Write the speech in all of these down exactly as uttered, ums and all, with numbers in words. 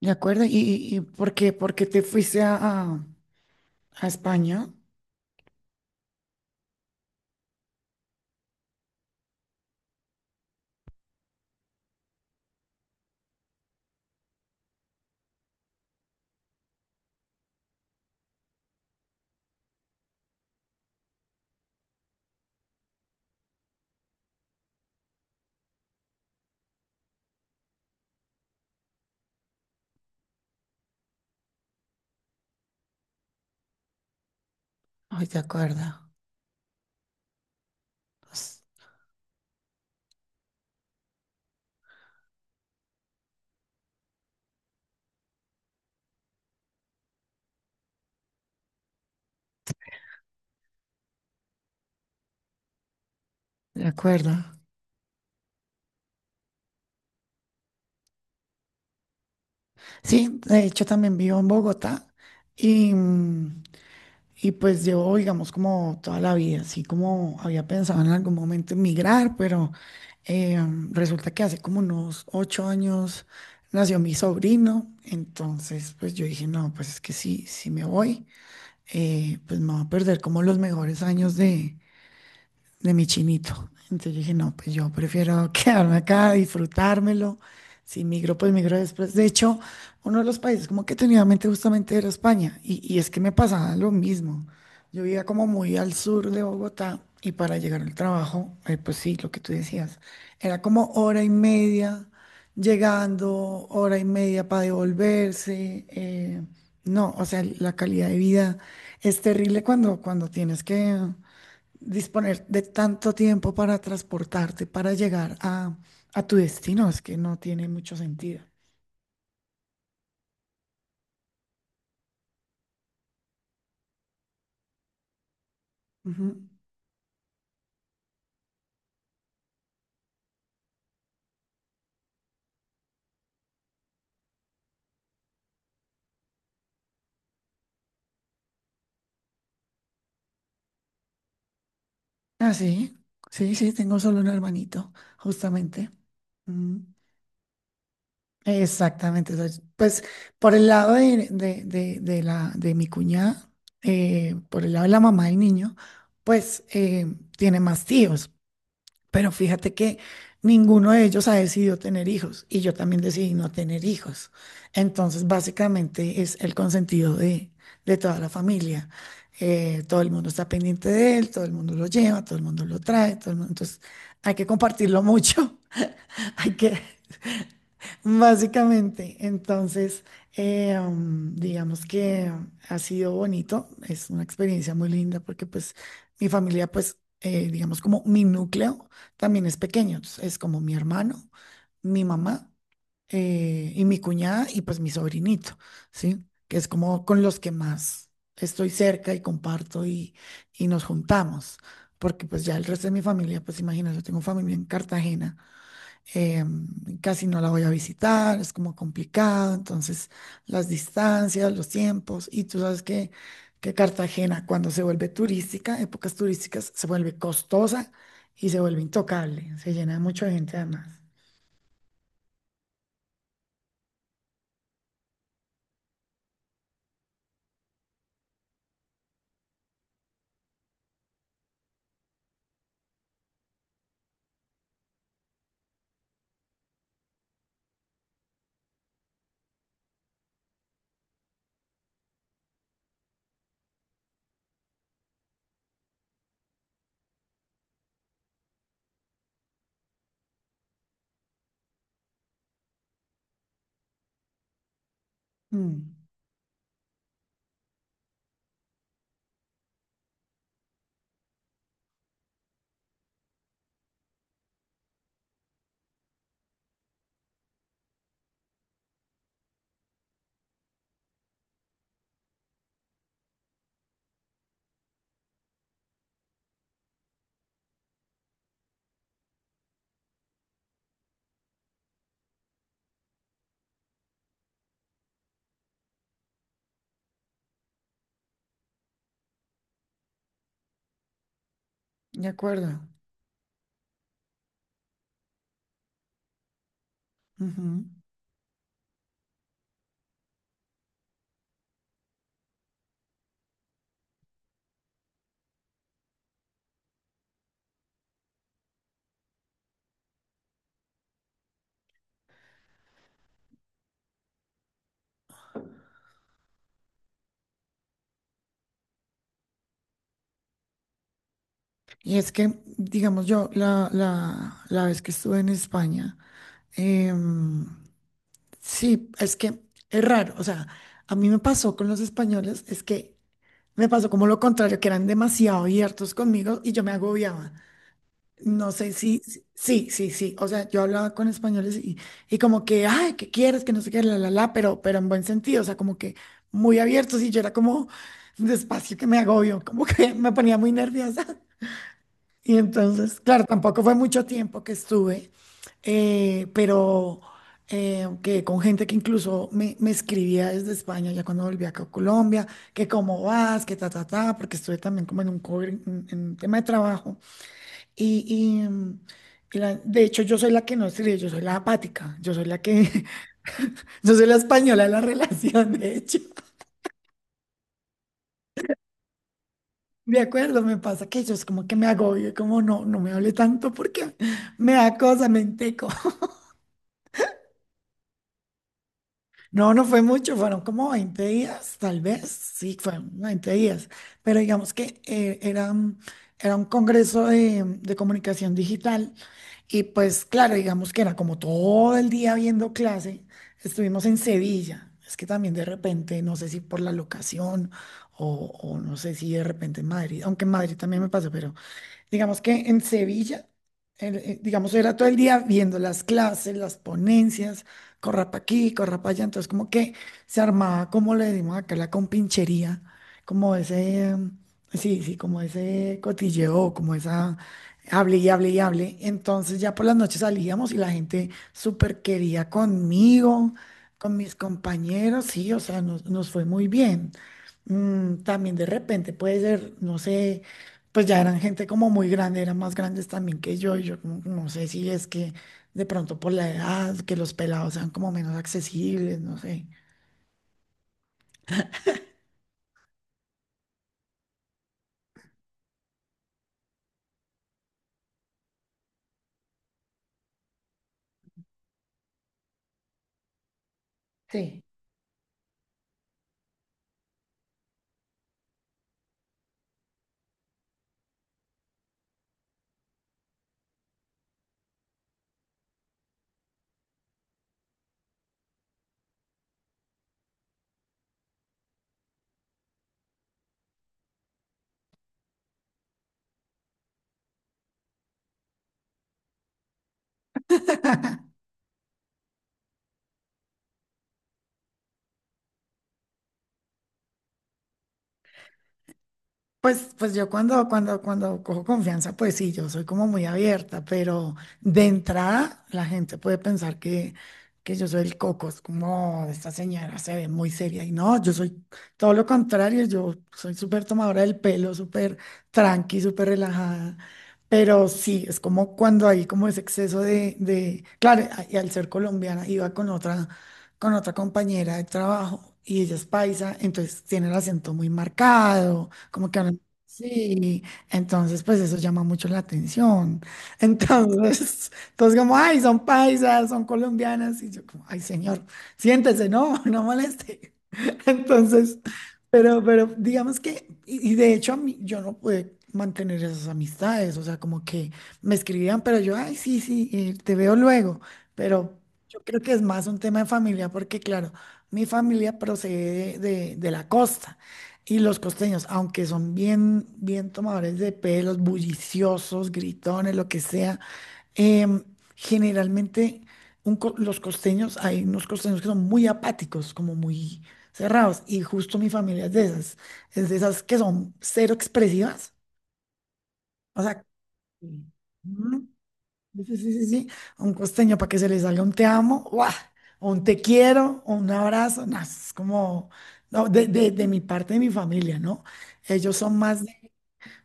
De acuerdo. ¿Y, y, y por qué, por qué te fuiste a, a- a España? Ay, de acuerdo. Pues, de acuerdo. Sí, de hecho también vivo en Bogotá y, mm, y pues llevo, digamos, como toda la vida, así como había pensado en algún momento emigrar, pero eh, resulta que hace como unos ocho años nació mi sobrino. Entonces pues yo dije, no, pues es que sí, si me voy, eh, pues me voy a perder como los mejores años de mi chinito. Entonces yo dije, no, pues yo prefiero quedarme acá, disfrutármelo. Si migro, pues migro después. De hecho, uno de los países como que tenía en mente justamente era España. Y, y es que me pasaba lo mismo. Yo vivía como muy al sur de Bogotá y para llegar al trabajo, eh, pues sí, lo que tú decías, era como hora y media llegando, hora y media para devolverse. Eh, no, o sea, la calidad de vida es terrible cuando, cuando tienes que disponer de tanto tiempo para transportarte, para llegar a, a tu destino. Es que no tiene mucho sentido. Ujú. Ah, sí, sí, sí, tengo solo un hermanito, justamente. Mm. Exactamente. Entonces, pues por el lado de, de- de- de la, de mi cuñada, eh, por el lado de la mamá del niño, pues eh, tiene más tíos. Pero fíjate que ninguno de ellos ha decidido tener hijos, y yo también decidí no tener hijos. Entonces, básicamente es el consentido de, de toda la familia. Eh, todo el mundo está pendiente de él, todo el mundo lo lleva, todo el mundo lo trae. todo el mundo- Entonces, hay que compartirlo mucho. hay que, Básicamente, entonces, eh, mm, digamos que ha sido bonito. Es una experiencia muy linda porque pues mi familia, pues, eh, digamos, como mi núcleo también es pequeño, es es como mi hermano, mi mamá, eh, y mi cuñada, y pues mi sobrinito, ¿sí? Que es como con los que más estoy cerca y comparto, y, y nos juntamos, porque pues ya el resto de mi familia, pues imagínate, yo tengo familia en Cartagena. eh, Casi no la voy a visitar, es como complicado, entonces las distancias, los tiempos, y tú sabes que, que Cartagena cuando se vuelve turística, épocas turísticas, se vuelve costosa y se vuelve intocable, se llena de mucha gente además. Mm, de acuerdo. Ujú. Y es que, digamos yo, la, la, la vez que estuve en España, em, sí, es que es raro. O sea, a mí me pasó con los españoles, es que me pasó como lo contrario, que eran demasiado abiertos conmigo y yo me agobiaba. No sé si, si- sí, sí, sí. O sea, yo hablaba con españoles, y, y como que, ay, ¿qué quieres? Que no sé qué, la, la, la, pero, pero en buen sentido. O sea, como que muy abiertos, y yo era como, despacio que me agobio, como que me ponía muy nerviosa. Y entonces, claro, tampoco fue mucho tiempo que estuve, eh, pero eh, que con gente que incluso me, me escribía desde España, ya cuando volví acá a Colombia, que cómo vas, que ta, ta, ta, porque estuve también como en un, cover en, en un tema de trabajo. Y, y, mm, y la- de hecho, yo soy la que no escribe, yo soy la apática, yo soy la que, yo soy la española de la relación, de hecho. De acuerdo, me pasa que yo, es como que me agobio, como no, no me hable tanto porque me da cosa, me No, no fue mucho, fueron como veinte días, tal vez, sí, fueron veinte días, pero digamos que eh, era, un- era un congreso de, de comunicación digital. Y pues claro, digamos que era como todo el día viendo clase, estuvimos en Sevilla. Es que también de repente, no sé si por la locación o, o no sé si de repente en Madrid, aunque en Madrid también me pasó, pero digamos que en Sevilla, el- eh, digamos, era todo el día viendo las clases, las ponencias, corra para aquí, corra para allá. Entonces, como que se armaba, como le decimos acá, la compinchería, como ese, em, sí, sí, como ese cotilleo, como esa, hable y hable y hable. Entonces, ya por las noches salíamos y la gente súper quería conmigo, con mis compañeros, sí, o sea, nos, nos fue muy bien. Mm, también de repente puede ser, no sé, pues ya eran gente como muy grande, eran más grandes también que yo, y yo como que no sé si es que de pronto por la edad, que los pelados sean como menos accesibles, no sé. Sí. Pues, pues yo cuando, cuando, cuando cojo confianza, pues sí, yo soy como muy abierta, pero de entrada la gente puede pensar que, que yo soy el coco. Es como, esta señora se ve muy seria, y no, yo soy todo lo contrario, yo soy súper tomadora del pelo, súper tranqui, súper relajada, pero sí, es como cuando hay como ese exceso de, de, claro, y al ser colombiana iba con otra con otra compañera de trabajo, y ella es paisa, entonces tiene el acento muy marcado, como que hablan, sí, entonces pues eso llama mucho la atención. Entonces, entonces como, ay, son paisas, son colombianas, y yo como, ay, señor, siéntese, no, no moleste. Entonces, pero, pero digamos que, y, y de hecho a mí, yo no pude mantener esas amistades. O sea, como que me escribían, pero yo, ay, sí, sí, eh, te veo luego, pero yo creo que es más un tema de familia, porque claro, mi familia procede de, de- de la costa, y los costeños, aunque son bien, bien tomadores de pelos, bulliciosos, gritones, lo que sea. Em, generalmente un co- los costeños, hay unos costeños que son muy apáticos, como muy cerrados, y justo mi familia es de esas, es de esas que son cero expresivas, o sea, sí. Ujú, sí, sí, sí, sí, sí, un costeño para que se le salga un te amo, ¡guau! O un te quiero, o un abrazo, no, es como, no, de, de de mi parte de mi familia, ¿no? Ellos son más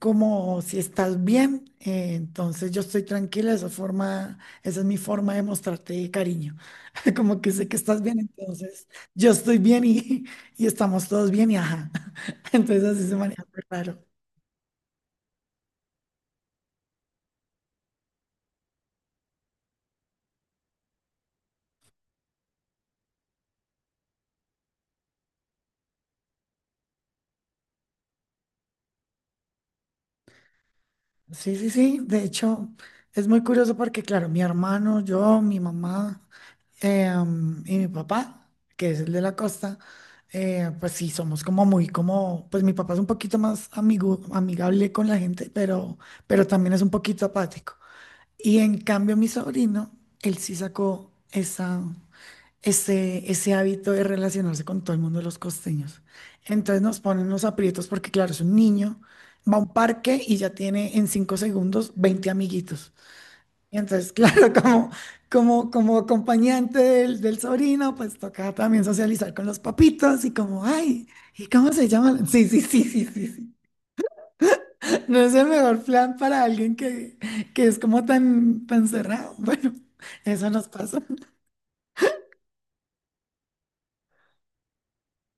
como, si estás bien, eh, entonces yo estoy tranquila, esa forma, esa es mi forma de mostrarte cariño, como que sé que estás bien, entonces yo estoy bien, y, y estamos todos bien, y ajá, entonces así se maneja, muy raro. Sí, sí, sí, de hecho es muy curioso porque claro, mi hermano, yo, mi mamá. Eh, am, y mi papá, que es el de la costa, eh, pues sí, somos como muy como, pues mi papá es un poquito más amigo, amigable con la gente, pero, pero también es un poquito apático. Y en cambio mi sobrino, él sí sacó esa, ese, ese hábito de relacionarse con todo el mundo de los costeños. Entonces nos ponen los aprietos porque claro, es un niño, va a un parque y ya tiene en cinco segundos veinte amiguitos. Y entonces, claro, como, como, como acompañante del, del sobrino, pues toca también socializar con los papitos, y como, ay, ¿y cómo se llama? Sí, sí, sí, sí, sí, sí. No es el mejor plan para alguien que, que es como tan, tan cerrado. Bueno, eso nos pasa.